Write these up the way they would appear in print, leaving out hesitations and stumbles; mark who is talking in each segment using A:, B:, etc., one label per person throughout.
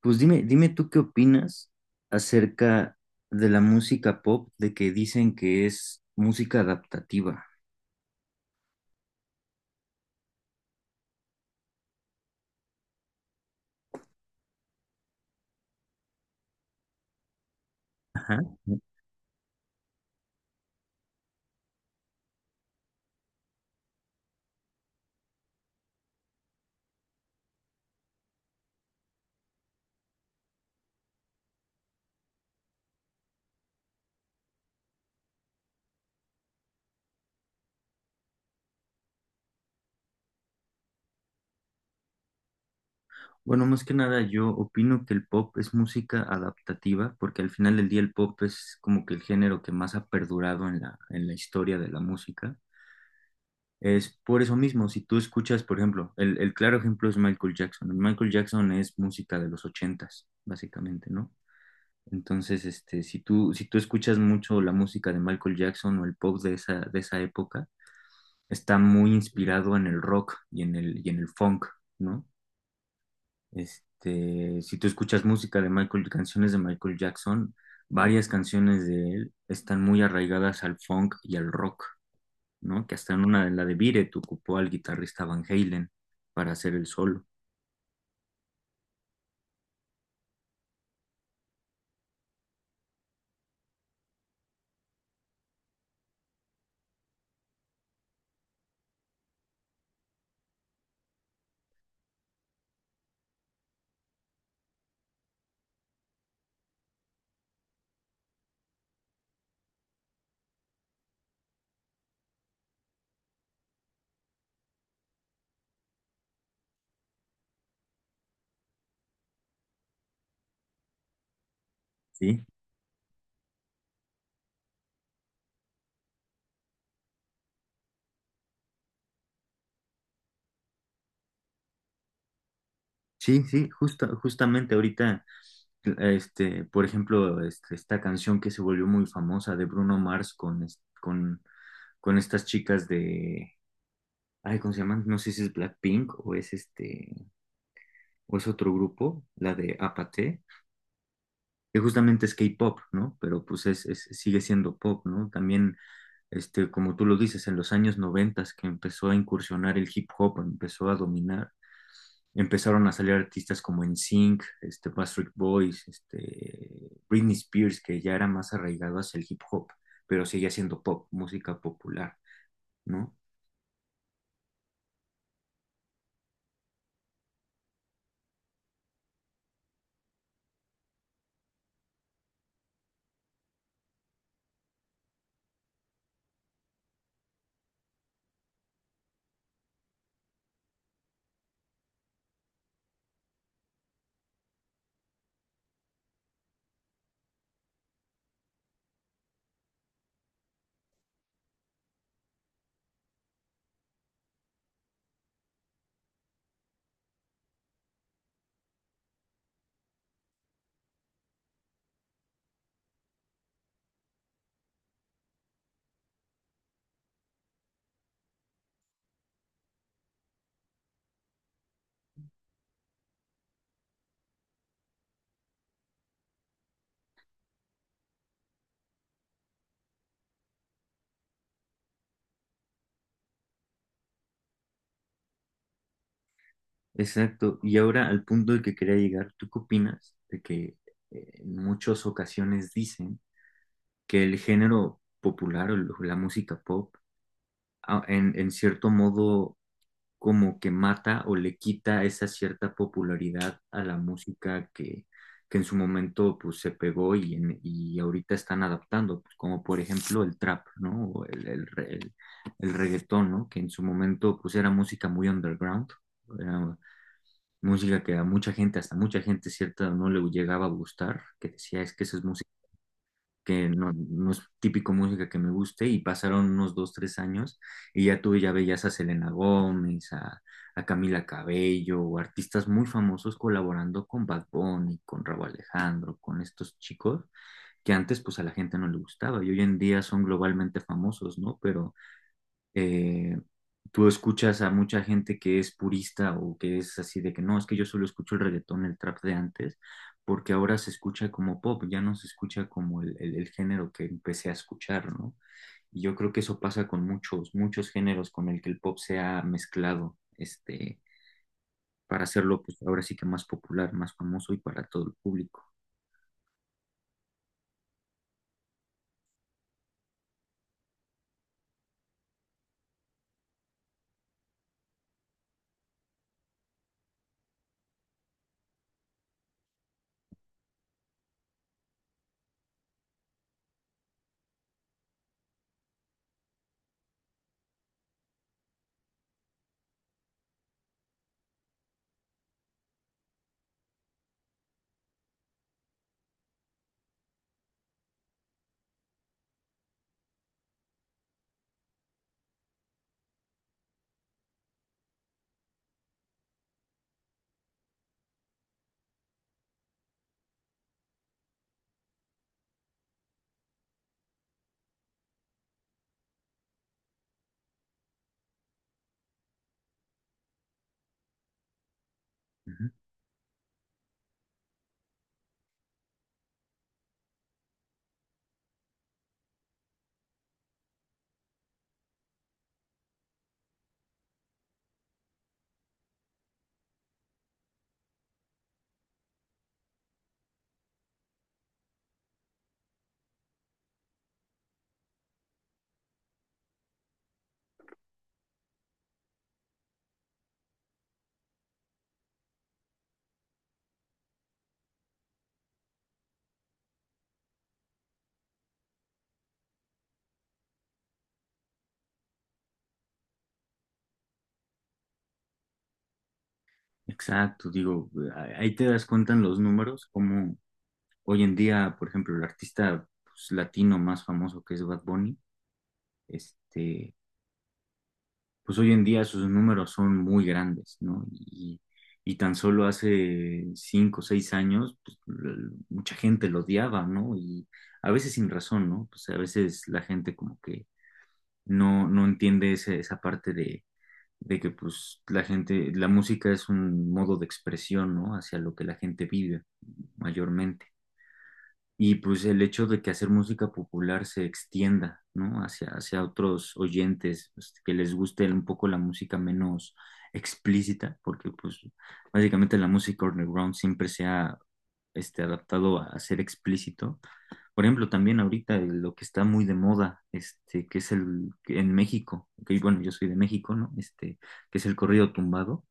A: Pues dime tú qué opinas acerca de la música pop, de que dicen que es música adaptativa. Ajá. Bueno, más que nada yo opino que el pop es música adaptativa, porque al final del día el pop es como que el género que más ha perdurado en la historia de la música. Es por eso mismo, si tú escuchas, por ejemplo, el claro ejemplo es Michael Jackson. Michael Jackson es música de los ochentas, básicamente, ¿no? Entonces, si tú escuchas mucho la música de Michael Jackson o el pop de esa época, está muy inspirado en el rock y en el funk, ¿no? Si tú escuchas música de Michael, canciones de Michael Jackson, varias canciones de él están muy arraigadas al funk y al rock, ¿no? Que hasta en una de la de Beat It ocupó al guitarrista Van Halen para hacer el solo, ¿sí? Sí, sí, justamente ahorita este, por ejemplo, esta canción que se volvió muy famosa de Bruno Mars con con estas chicas de, ay, ¿cómo se llaman? No sé si es Blackpink o es o es otro grupo, la de Apathy, que justamente es K-pop, ¿no? Pero pues sigue siendo pop, ¿no? También, como tú lo dices, en los años noventas que empezó a incursionar el hip hop, empezó a dominar empezaron a salir artistas como NSYNC, Backstreet Boys, Britney Spears, que ya era más arraigado hacia el hip hop, pero seguía siendo pop, música popular, ¿no? Exacto. Y ahora al punto del que quería llegar, ¿tú qué opinas de que en muchas ocasiones dicen que el género popular o la música pop, en cierto modo, como que mata o le quita esa cierta popularidad a la música que en su momento pues se pegó y ahorita están adaptando, pues, como por ejemplo el trap, ¿no? O el reggaetón, ¿no? Que en su momento pues era música muy underground, era música que a mucha gente, hasta mucha gente cierta no le llegaba a gustar, que decía es que esa es música que no, no es típico música que me guste, y pasaron unos dos, tres años, y ya tú ya veías a Selena Gómez, a Camila Cabello, o artistas muy famosos colaborando con Bad Bunny, con Rauw Alejandro, con estos chicos que antes pues a la gente no le gustaba, y hoy en día son globalmente famosos, ¿no? Pero eh, tú escuchas a mucha gente que es purista o que es así de que no, es que yo solo escucho el reggaetón, el trap de antes, porque ahora se escucha como pop, ya no se escucha como el género que empecé a escuchar, ¿no? Y yo creo que eso pasa con muchos géneros con el que el pop se ha mezclado, para hacerlo, pues ahora sí que más popular, más famoso y para todo el público. Ujú. Exacto, digo, ahí te das cuenta en los números cómo, hoy en día, por ejemplo, el artista pues, latino más famoso que es Bad Bunny, este, pues hoy en día sus números son muy grandes, ¿no? Y tan solo hace cinco o seis años, pues, mucha gente lo odiaba, ¿no? Y a veces sin razón, ¿no? Pues a veces la gente como que no, no entiende esa parte de que pues la gente, la música es un modo de expresión, ¿no? Hacia lo que la gente vive mayormente. Y pues el hecho de que hacer música popular se extienda, ¿no? Hacia otros oyentes, pues, que les guste un poco la música menos explícita, porque pues básicamente la música underground siempre se ha adaptado a ser explícito. Por ejemplo, también ahorita lo que está muy de moda, que es el, que en México, que bueno, yo soy de México, ¿no? Que es el corrido tumbado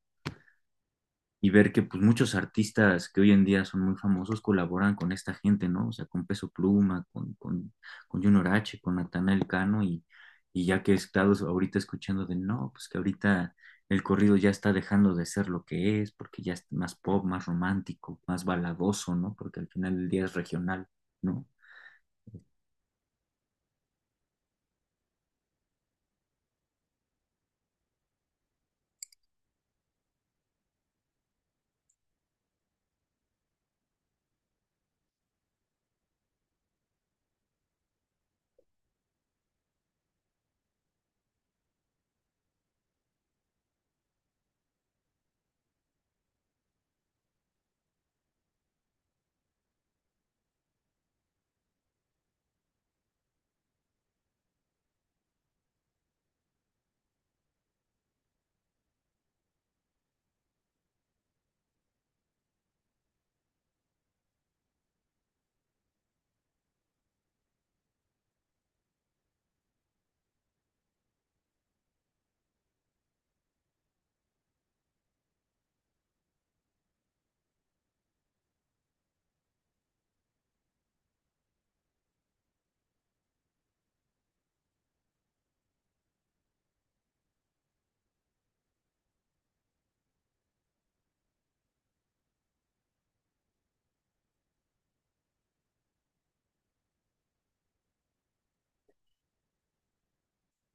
A: y ver que pues muchos artistas que hoy en día son muy famosos colaboran con esta gente, ¿no? O sea, con Peso Pluma, con Junior H, con Natanael Cano y ya que he estado ahorita escuchando de no, pues que ahorita el corrido ya está dejando de ser lo que es, porque ya es más pop, más romántico, más baladoso, ¿no? Porque al final del día es regional, ¿no?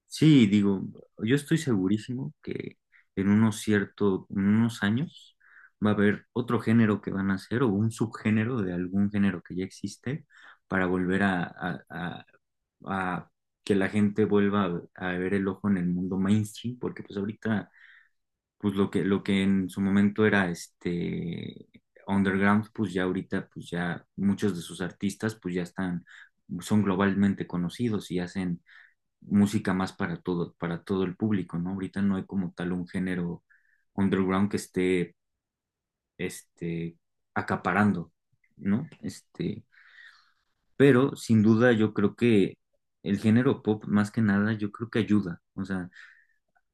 A: Sí, digo, yo estoy segurísimo que en unos años va a haber otro género que van a hacer o un subgénero de algún género que ya existe para volver a que la gente vuelva a ver el ojo en el mundo mainstream, porque pues ahorita, pues lo que en su momento era underground, pues ya ahorita, pues ya muchos de sus artistas, pues ya están, son globalmente conocidos y hacen música más para para todo el público, ¿no? Ahorita no hay como tal un género underground que esté, este, acaparando, ¿no? Pero sin duda yo creo que el género pop, más que nada, yo creo que ayuda, o sea,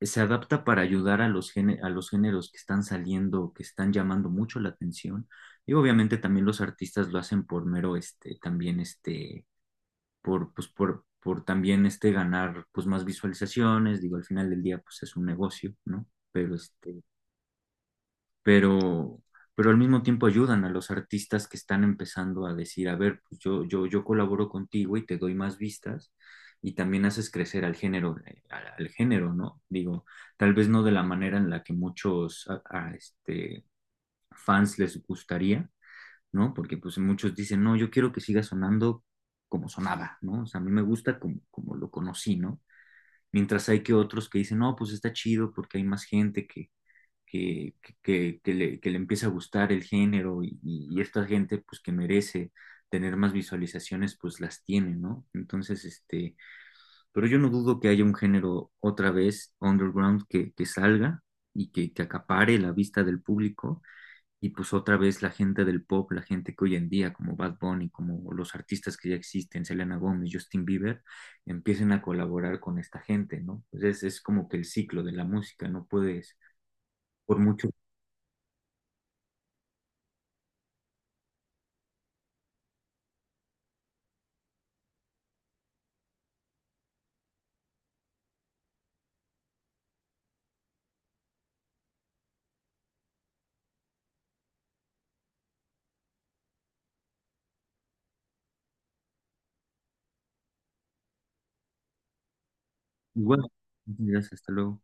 A: se adapta para ayudar a los a los géneros que están saliendo, que están llamando mucho la atención, y obviamente también los artistas lo hacen por mero, por también este ganar pues más visualizaciones, digo, al final del día pues es un negocio, ¿no? Pero este, pero, pero al mismo tiempo ayudan a los artistas que están empezando a decir, a ver, pues yo colaboro contigo y te doy más vistas y también haces crecer al género, al género, ¿no? Digo, tal vez no de la manera en la que muchos fans les gustaría, ¿no? Porque pues muchos dicen, no, yo quiero que siga sonando como sonaba, ¿no? O sea, a mí me gusta como, como lo conocí, ¿no? Mientras hay que otros que dicen, no, pues está chido porque hay más gente que, que le empieza a gustar el género y esta gente pues que merece tener más visualizaciones, pues las tiene, ¿no? Entonces, pero yo no dudo que haya un género otra vez underground que salga y que acapare la vista del público y pues otra vez la gente del pop, la gente que hoy en día, como Bad Bunny, como los artistas que ya existen, Selena Gómez, Justin Bieber, empiecen a colaborar con esta gente, ¿no? Entonces es como que el ciclo de la música, no puedes, por mucho. Igual, gracias, hasta luego.